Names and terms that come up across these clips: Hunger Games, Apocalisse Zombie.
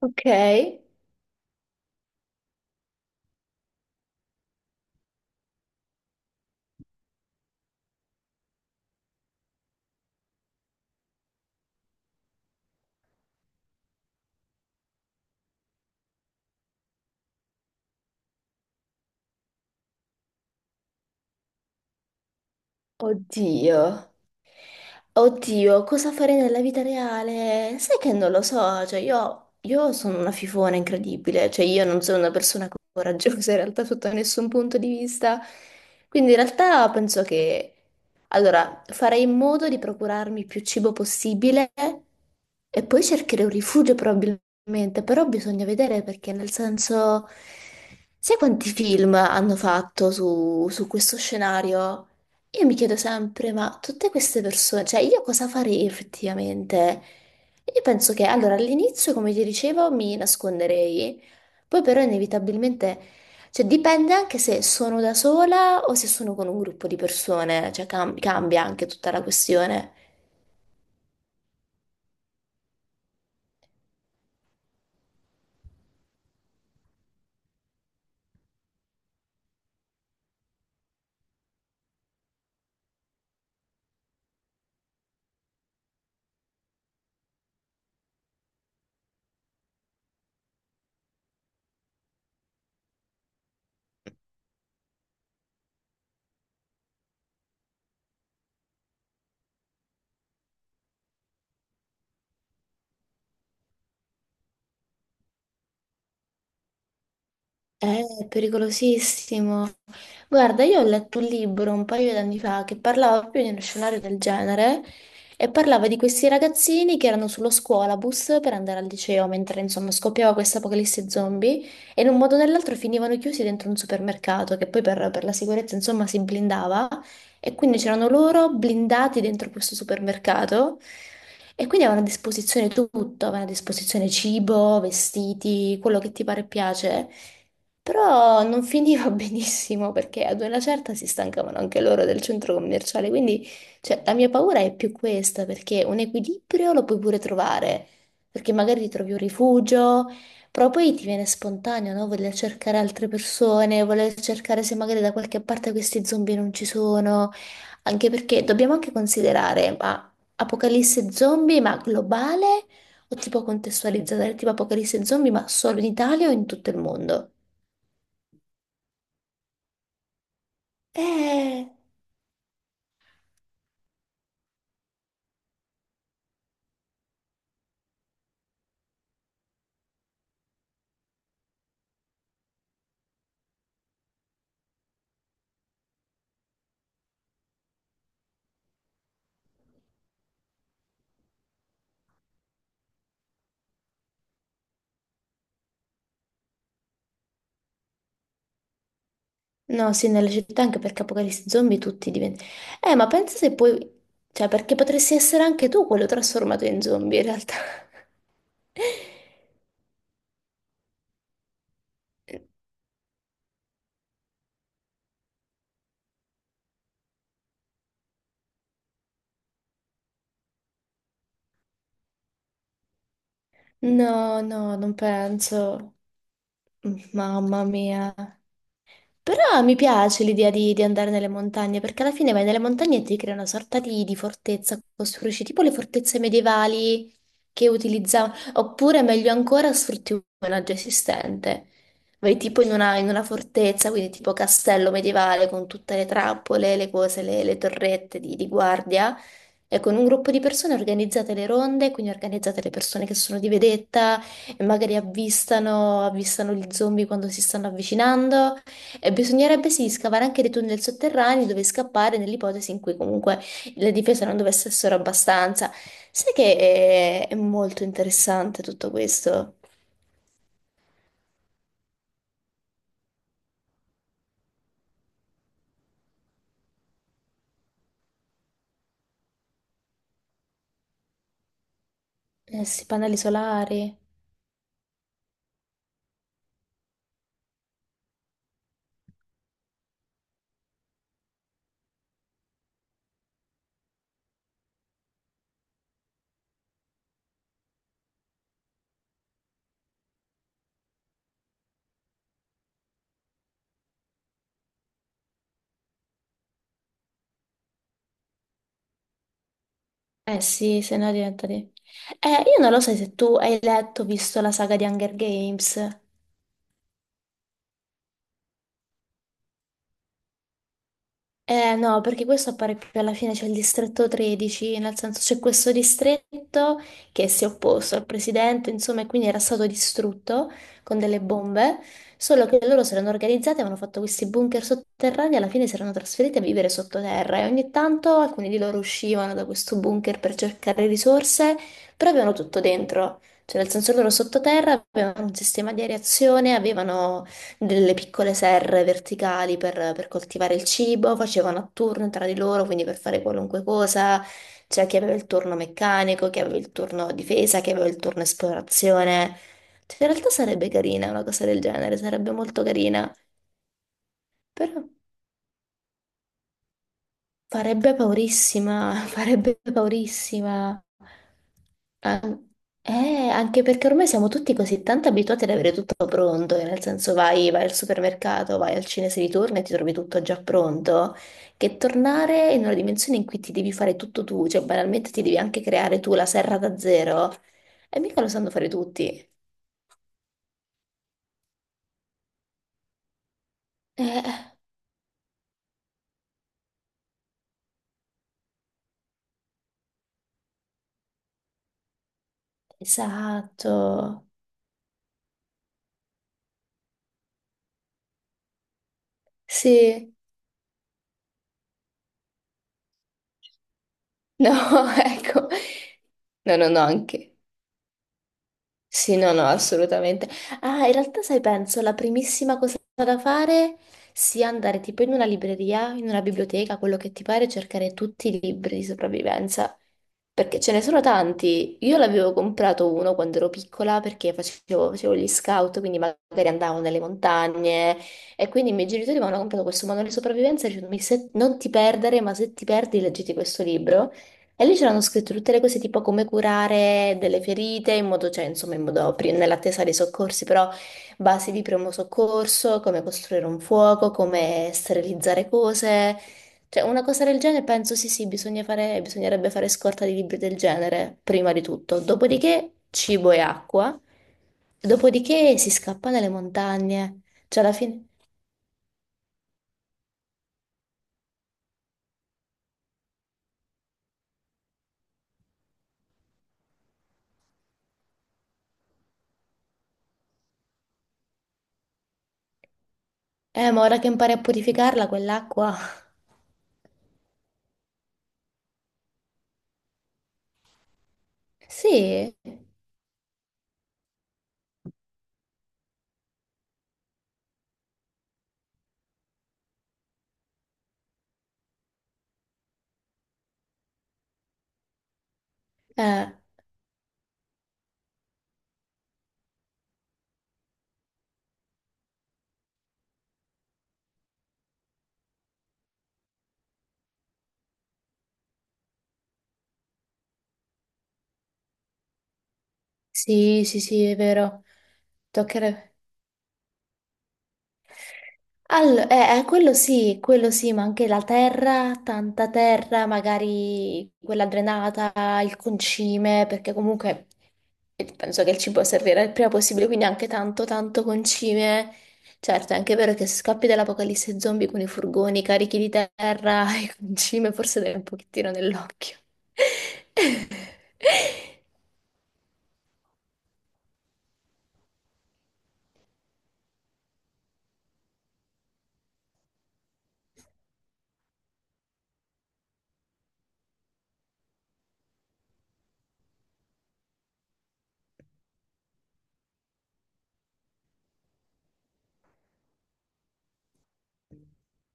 Ok, oddio, oddio, cosa farei nella vita reale? Sai che non lo so, cioè io sono una fifona incredibile, cioè io non sono una persona coraggiosa in realtà sotto nessun punto di vista, quindi in realtà penso che, allora, farei in modo di procurarmi il più cibo possibile e poi cercherei un rifugio probabilmente, però bisogna vedere perché nel senso, sai quanti film hanno fatto su questo scenario? Io mi chiedo sempre, ma tutte queste persone, cioè io cosa farei effettivamente? Io penso che allora all'inizio, come ti dicevo, mi nasconderei, poi però inevitabilmente, cioè dipende anche se sono da sola o se sono con un gruppo di persone, cioè cambia anche tutta la questione. È pericolosissimo. Guarda, io ho letto un libro un paio d'anni fa che parlava proprio di uno scenario del genere e parlava di questi ragazzini che erano sullo scuolabus per andare al liceo mentre insomma scoppiava questa apocalisse zombie e in un modo o nell'altro finivano chiusi dentro un supermercato che poi per la sicurezza insomma si blindava e quindi c'erano loro blindati dentro questo supermercato e quindi avevano a disposizione tutto, avevano a disposizione cibo, vestiti, quello che ti pare e piace. Però non finiva benissimo perché ad una certa si stancavano anche loro del centro commerciale, quindi cioè, la mia paura è più questa perché un equilibrio lo puoi pure trovare, perché magari ti trovi un rifugio, però poi ti viene spontaneo, no? Voler cercare altre persone, voler cercare se magari da qualche parte questi zombie non ci sono, anche perché dobbiamo anche considerare, ma apocalisse zombie, ma globale o tipo contestualizzata, tipo apocalisse zombie, ma solo in Italia o in tutto il mondo? Eh, no, sì, nelle città anche perché apocalisse zombie tutti diventano... ma pensa se poi... Cioè, perché potresti essere anche tu quello trasformato in zombie, in realtà. No, no, non penso. Mamma mia. Però mi piace l'idea di andare nelle montagne, perché alla fine vai nelle montagne e ti crea una sorta di fortezza, costruisci tipo le fortezze medievali che utilizzavano, oppure meglio ancora sfrutti un villaggio esistente. Vai tipo in una fortezza, quindi tipo castello medievale con tutte le trappole, le cose, le torrette di guardia, e con un gruppo di persone organizzate le ronde, quindi organizzate le persone che sono di vedetta e magari avvistano gli zombie quando si stanno avvicinando. E bisognerebbe sì scavare anche dei tunnel sotterranei dove scappare nell'ipotesi in cui comunque le difese non dovessero essere abbastanza. Sai che è molto interessante tutto questo? Eh sì, pannelli solari. Eh sì, se no diventa di... io non lo so se tu hai letto, visto la saga di Hunger Games. Eh no, perché questo appare più alla fine, c'è il distretto 13, nel senso c'è questo distretto che si è opposto al presidente, insomma, e quindi era stato distrutto con delle bombe, solo che loro si erano organizzati, avevano fatto questi bunker sotterranei e alla fine si erano trasferiti a vivere sottoterra e ogni tanto alcuni di loro uscivano da questo bunker per cercare risorse, però avevano tutto dentro, cioè nel senso loro sottoterra avevano un sistema di areazione, avevano delle piccole serre verticali per coltivare il cibo, facevano a turno tra di loro, quindi per fare qualunque cosa. C'era chi aveva il turno meccanico, chi aveva il turno difesa, chi aveva il turno esplorazione. Cioè, in realtà sarebbe carina una cosa del genere, sarebbe molto carina, però... Farebbe paurissima, farebbe paurissima. An- eh, anche perché ormai siamo tutti così tanto abituati ad avere tutto pronto, che nel senso vai al supermercato, vai al cinese di turno e ti trovi tutto già pronto, che tornare in una dimensione in cui ti devi fare tutto tu, cioè banalmente ti devi anche creare tu la serra da zero, e mica lo sanno fare tutti. Eh, esatto, sì, no, ecco, no, no, no, anche. Sì, no, no, assolutamente. Ah, in realtà, sai, penso la primissima cosa da fare sia andare tipo in una libreria, in una biblioteca, quello che ti pare, cercare tutti i libri di sopravvivenza. Perché ce ne sono tanti. Io l'avevo comprato uno quando ero piccola perché facevo gli scout, quindi magari andavo nelle montagne e quindi i miei genitori mi hanno comprato questo manuale di sopravvivenza e dicevano, "Mi se- Non ti perdere, ma se ti perdi, leggiti questo libro. E lì c'erano scritte tutte le cose tipo come curare delle ferite in modo, cioè insomma in modo, nell'attesa dei soccorsi, però basi di primo soccorso, come costruire un fuoco, come sterilizzare cose, cioè una cosa del genere penso sì, bisogna fare, bisognerebbe fare scorta di libri del genere prima di tutto, dopodiché cibo e acqua, dopodiché si scappa nelle montagne, cioè alla fine, ma ora che impari a purificarla quell'acqua, sì, eh. Sì, sì, sì, è vero. Toccherebbe. Allora, quello sì, ma anche la terra, tanta terra, magari quella drenata, il concime, perché comunque penso che il cibo servirà il prima possibile, quindi anche tanto, tanto concime. Certo, è anche vero che se scappi dall'apocalisse zombie con i furgoni carichi di terra e concime, forse dai un pochettino nell'occhio.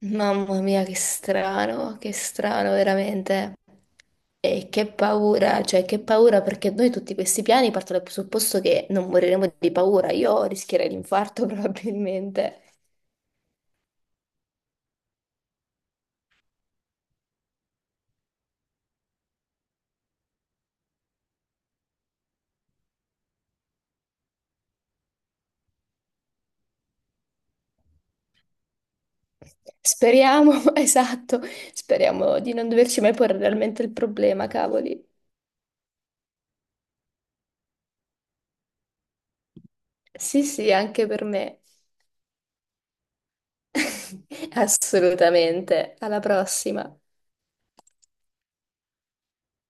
Mamma mia, che strano veramente. E che paura, cioè che paura perché noi tutti questi piani partono dal presupposto che non moriremo di paura. Io rischierei l'infarto probabilmente. Speriamo, esatto, speriamo di non doverci mai porre realmente il problema, cavoli. Sì, sì, anche per me. Assolutamente. Alla prossima.